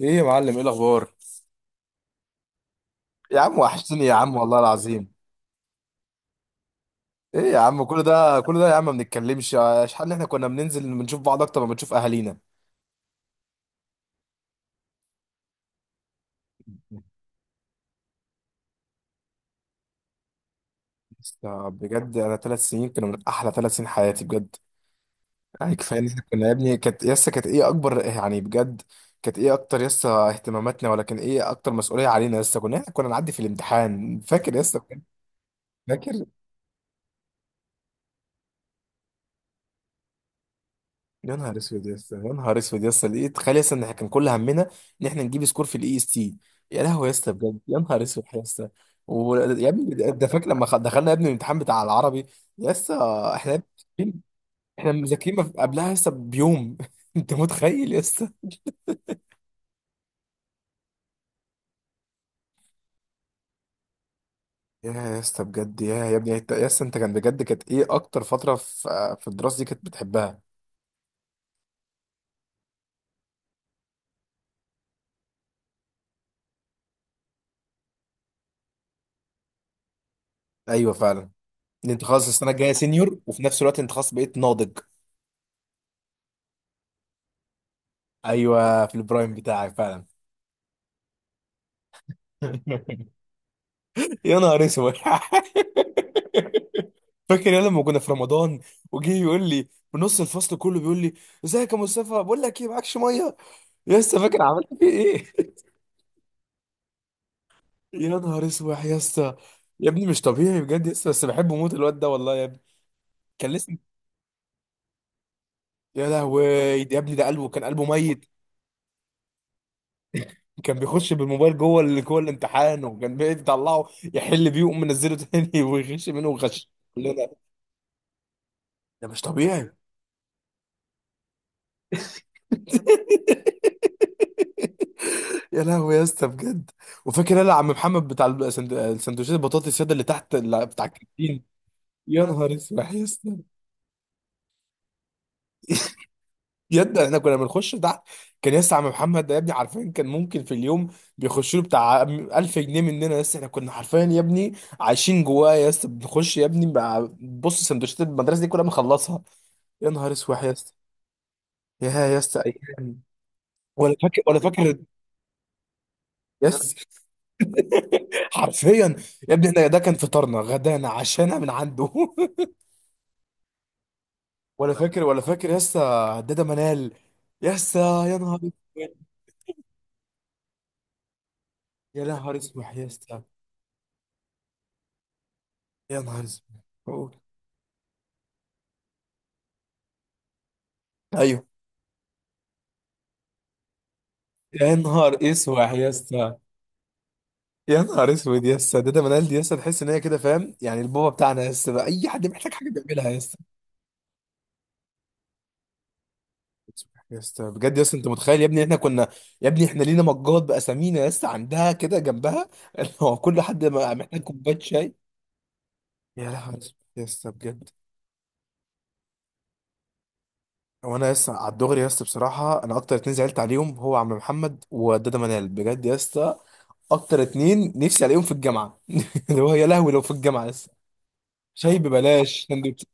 ايه يا معلم، ايه الاخبار؟ يا عم وحشتني يا عم والله العظيم. ايه يا عم، كل ده كل ده يا عم ما بنتكلمش، اشحال ان احنا كنا بننزل بنشوف بعض اكتر ما بنشوف اهالينا. بس. بجد انا 3 سنين كانوا من احلى 3 سنين حياتي بجد. يعني كفايه ان احنا كنا يا ابني كانت يسا كانت ايه اكبر يعني بجد. كانت ايه اكتر يسا اهتماماتنا، ولا كان ايه اكتر مسؤوليه علينا يسا؟ احنا كنا نعدي في الامتحان، فاكر يسا؟ فاكر. يا نهار اسود يا اسطى، يا نهار اسود يا اسطى، لقيت تخيل يا اسطى ان احنا كان كل همنا ان احنا نجيب سكور في IST. يا لهوي يا اسطى بجد، يا نهار اسود يا اسطى. يا ابني، ده فاكر لما دخلنا يا ابني الامتحان بتاع العربي؟ يا اسطى، احنا احنا مذاكرين ما في- قبلها يا اسطى بيوم انت متخيل يا اسطى؟ يا اسطى بجد، يا ابني يا اسطى انت، كان بجد كانت ايه اكتر فتره في الدراسه دي كانت بتحبها؟ ايوه فعلا. ان انت خلاص السنه الجايه سينيور، وفي نفس الوقت انت خلاص بقيت ناضج. ايوه، في البرايم بتاعك فعلا. يا نهار اسود. فاكر يا لما كنا في رمضان؟ وجه يقول لي بنص الفصل كله بيقول لي: ازيك يا مصطفى، بقول لك ايه، معكش ميه؟ يا اسطى فاكر عملت فيه ايه؟ يا نهار اسود يا اسطى. يا ابني مش طبيعي بجد يا اسطى، بس بحبه موت الواد ده والله يا ابني. كان لسه. يا لهوي، يا ابني ده قلبه كان قلبه ميت. كان بيخش بالموبايل جوه جوه الامتحان، وكان بيطلعه يحل بيه ويقوم منزله تاني ويغش منه ويغش. كلنا. ده مش طبيعي. يا لهوي يا اسطى بجد. وفاكر انا عم محمد بتاع السندوتشات البطاطس، ياد اللي تحت اللي بتاع الكانتين؟ يا نهار اسود يا اسطى. ياد احنا كنا بنخش تحت. كان يا اسطى عم محمد ده يا ابني عارفين كان ممكن في اليوم بيخش له بتاع 1000 جنيه مننا يا اسطى. احنا كنا حرفيا يا ابني عايشين جواه يا اسطى، بنخش يا ابني بص سندوتشات المدرسه دي كلها بنخلصها. يا نهار اسود يا اسطى. يا اسطى ايام. ولا فاكر ولا فاكر يا اسطى، حرفيا يا ابني، احنا ده كان فطارنا غدانا عشانا من عنده ولا فاكر ولا فاكر يا اسطى؟ هداده منال. يا اسطى. يا نهار اسود. يا نهار اسوح يا اسطى. يا نهار اسود. قول. ايوه. يا نهار اسوح يا اسطى. يا نهار اسود يا اسطى، هداده منال دي يا اسطى تحس ان هي كده فاهم، يعني البابا بتاعنا يا اسطى، بقى اي حد محتاج حاجه بيعملها يا اسطى. يا اسطى بجد، يا اسطى انت متخيل يا ابني احنا كنا؟ يا ابني احنا لينا مجات باسامينا يا اسطى عندها كده جنبها اللي هو كل حد محتاج كوبايه شاي. يا لهوي يا اسطى بجد. وانا لسه على الدغري يا اسطى، بصراحه انا اكتر اتنين زعلت عليهم هو عم محمد ودادا منال، بجد يا اسطى. اكتر اتنين نفسي عليهم في الجامعه اللي هو يا لهوي لو في الجامعه لسه، شاي ببلاش، سندوتش.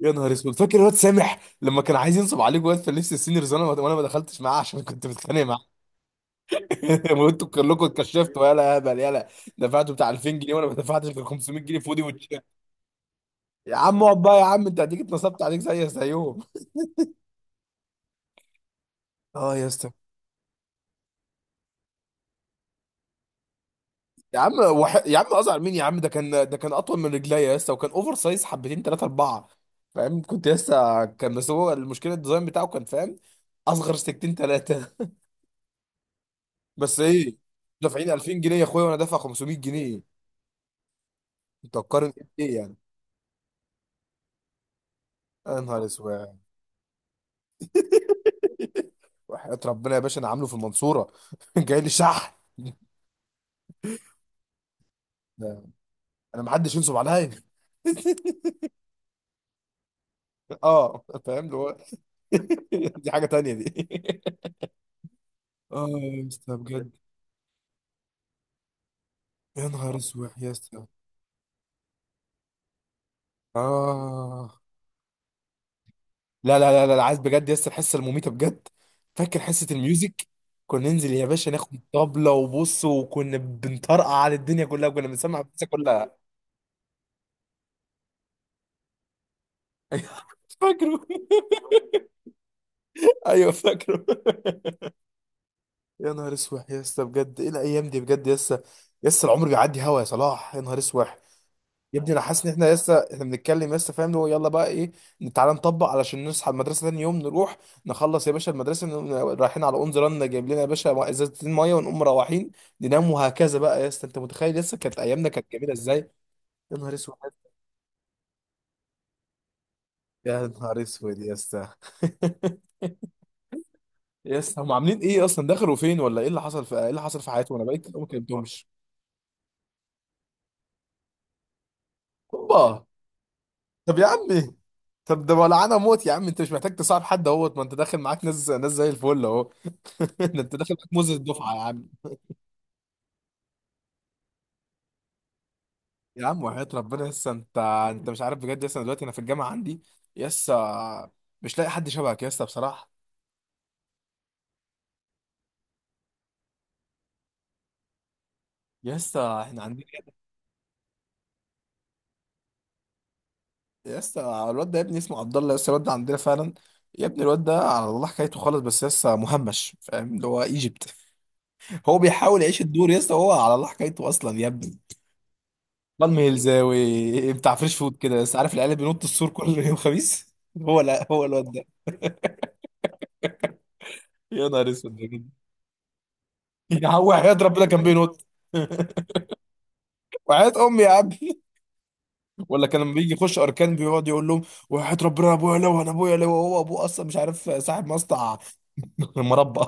يا نهار اسود. فاكر الواد سامح لما كان عايز ينصب عليك واد في لبس السينيورز؟ وانا ما دخلتش معاه عشان كنت متخانق معاه. وانتوا كلكم اتكشفتوا، يلا يا هبل يلا. دفعتوا بتاع 2000 جنيه وانا ما دفعتش غير 500 جنيه في ودي وشي. يا عم اقعد بقى، يا عم انت هتيجي اتنصبت عليك زي زيهم. اه يا اسطى. يا عم، يا عم ازعل مين يا عم؟ ده كان، ده كان اطول من رجليا لسه، وكان اوفر سايز حبتين، ثلاثه، اربعه، فاهم، كنت لسه، كان بس هو المشكله الديزاين بتاعه كان فاهم اصغر سكتين ثلاثه. بس ايه، دافعين 2000 جنيه يا اخويا وانا دافع 500 جنيه، انت هتقارن؟ ايه يعني؟ يا نهار اسود. وحياة ربنا يا باشا انا عامله في المنصوره جاي لي شحن. ده انا محدش ينصب عليا. اه، فاهم اللي هو. دي حاجه تانية دي. اه يا اسطى بجد، يا نهار اسود يا اسطى. اه، لا لا لا لا لا، عايز بجد يس الحصه المميته بجد. فاكر حصه الميوزك؟ كنا ننزل يا باشا ناخد طبلة وبص، وكنا بنطرقع على الدنيا كلها، كنا بنسمع الدنيا كلها. فاكره. ايوه فاكره. يا نهار اسود يا اسطى بجد، ايه الايام دي بجد يا اسطى. يا اسطى العمر بيعدي هوا يا صلاح، يا نهار اسود. يا ابني انا حاسس ان احنا لسه احنا بنتكلم لسه فاهم، اللي هو يلا بقى ايه، تعالى نطبق علشان نصحى المدرسه تاني يوم نروح، نخلص يا باشا المدرسه نقوم رايحين على اونز رن جايب لنا يا باشا ازازتين ميه ونقوم مروحين، ننام وهكذا بقى يا اسطى. انت متخيل لسه كانت ايامنا كانت جميله ازاي؟ يا نهار اسود. يا نهار اسود يا اسطى. يا اسطى هم عاملين ايه اصلا؟ دخلوا فين ولا ايه اللي حصل؟ في ايه اللي حصل في حياتهم؟ انا بقيت كتير أوي ما كلمتهمش. اوبا. طب يا عمي، طب ده ولعانه موت يا عم، انت مش محتاج تصاحب حد اهوت، ما انت داخل معاك ناس، ناس زي الفل اهو. ده انت داخل معاك موز الدفعه يا عم. يا عم وحياة ربنا لسه انت، انت مش عارف بجد لسه دلوقتي انا في الجامعه عندي، لسه، مش لاقي حد شبهك لسه بصراحه. لسه احنا عندنا. لسه الواد ده يا ابني اسمه عبد الله، لسه الواد ده عندنا فعلا. يا ابني الواد ده على الله حكايته خالص، بس لسه مهمش فاهم اللي هو ايجيبت. هو بيحاول يعيش الدور، لسه هو على الله حكايته اصلا يا ابني. بالم هلزاوي بتاع فريش فود كده، لسه عارف العيال اللي بينط السور كل يوم خميس؟ هو، لا هو الواد ده. يا نهار اسود يا جدع. يا عم وحياة ربنا كان بينط. وحياة امي يا عم. ولا كان لما بيجي يخش اركان بيقعد يقول لهم، وحياة ربنا ابويا، لو انا ابويا، لو هو ابوه اصلا، مش عارف صاحب مصنع مربى.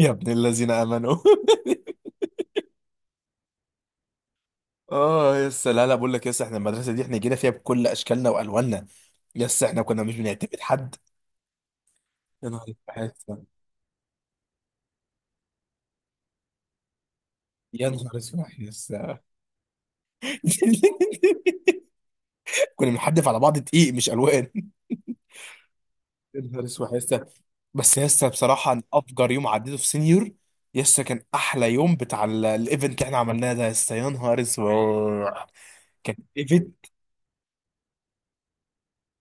يا ابن الذين امنوا. اه يس، لا لا، بقول لك يس احنا المدرسه دي احنا جينا فيها بكل اشكالنا والواننا. يس احنا كنا مش بنعتمد حد. يا نهار اسود. يا نهار اسود يس. كنا بنحدف على بعض دقيق مش الوان. يا نهار اسود يس. بس يا اسطى بصراحه أنا افجر يوم عديته في سينيور، يا اسطى كان احلى يوم بتاع الايفنت اللي احنا عملناه ده يا اسطى، يا نهار اسود. كان ايفنت.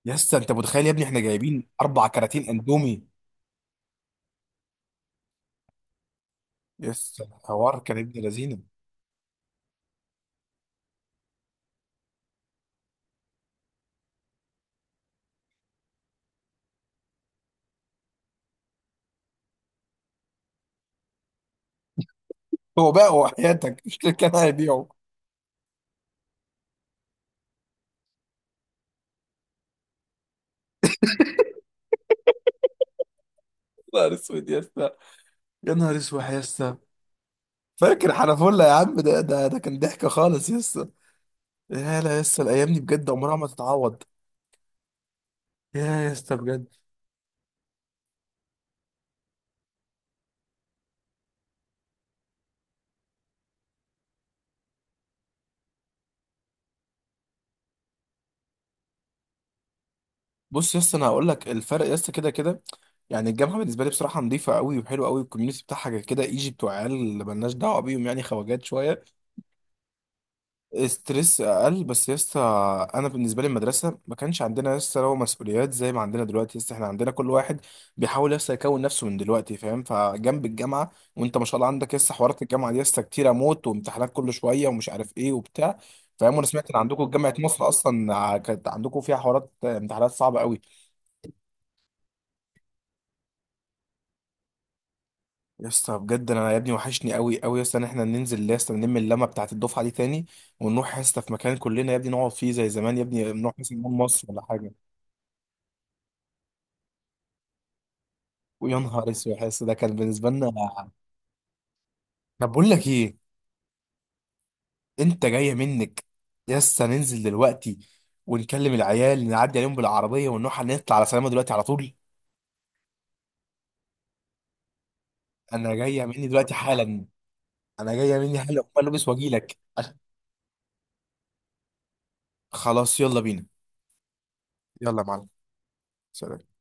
يا اسطى انت متخيل يا ابني احنا جايبين 4 كراتين اندومي؟ يا اسطى الحوار كان ابن لذينه. هو بقى هو حياتك، مش اللي كان هيبيعه. يا نهار اسود يا اسطى. يا نهار اسود يا اسطى. فاكر حنفله يا عم؟ ده كان ضحكه خالص يا اسطى. يا لا يا اسطى، الايام دي بجد عمرها ما تتعوض. يا اسطى بجد. بص يا اسطى انا هقول لك الفرق يا اسطى كده كده. يعني الجامعه بالنسبه لي بصراحه نظيفه قوي وحلوه قوي، الكوميونتي بتاعها كده كده ايجي بتوع عيال اللي مالناش دعوه بيهم، يعني خواجات شويه. ستريس اقل بس يا اسطى، انا بالنسبه لي المدرسه ما كانش عندنا يا اسطى لو مسؤوليات زي ما عندنا دلوقتي يا اسطى. احنا عندنا كل واحد بيحاول يا اسطى يكون نفسه من دلوقتي فاهم، فجنب الجامعه وانت ما شاء الله عندك يا اسطى حوارات الجامعه دي يا اسطى كتيره موت، وامتحانات كل شويه ومش عارف ايه وبتاع. فاهم؟ وانا سمعت ان عندكم جامعه مصر اصلا كانت عندكم فيها حوارات امتحانات صعبه قوي. يا اسطى بجد انا يا ابني وحشني قوي قوي يا اسطى ان احنا ننزل يا اسطى نلم اللمه بتاعت الدفعه دي تاني، ونروح يا اسطى في مكان كلنا يا ابني نقعد فيه زي زمان يا ابني، نروح مثلا مول مصر ولا حاجه. ويا نهار اسود يا اسطى ده كان بالنسبه لنا. طب بقول لك ايه. انت جايه منك؟ يا اسطى ننزل دلوقتي ونكلم العيال نعدي عليهم بالعربيه، ونروح نطلع على سلامه دلوقتي على طول. انا جايه مني دلوقتي حالا. انا جايه مني حالا اقوم البس واجي لك. خلاص يلا بينا. يلا يا معلم. سلام.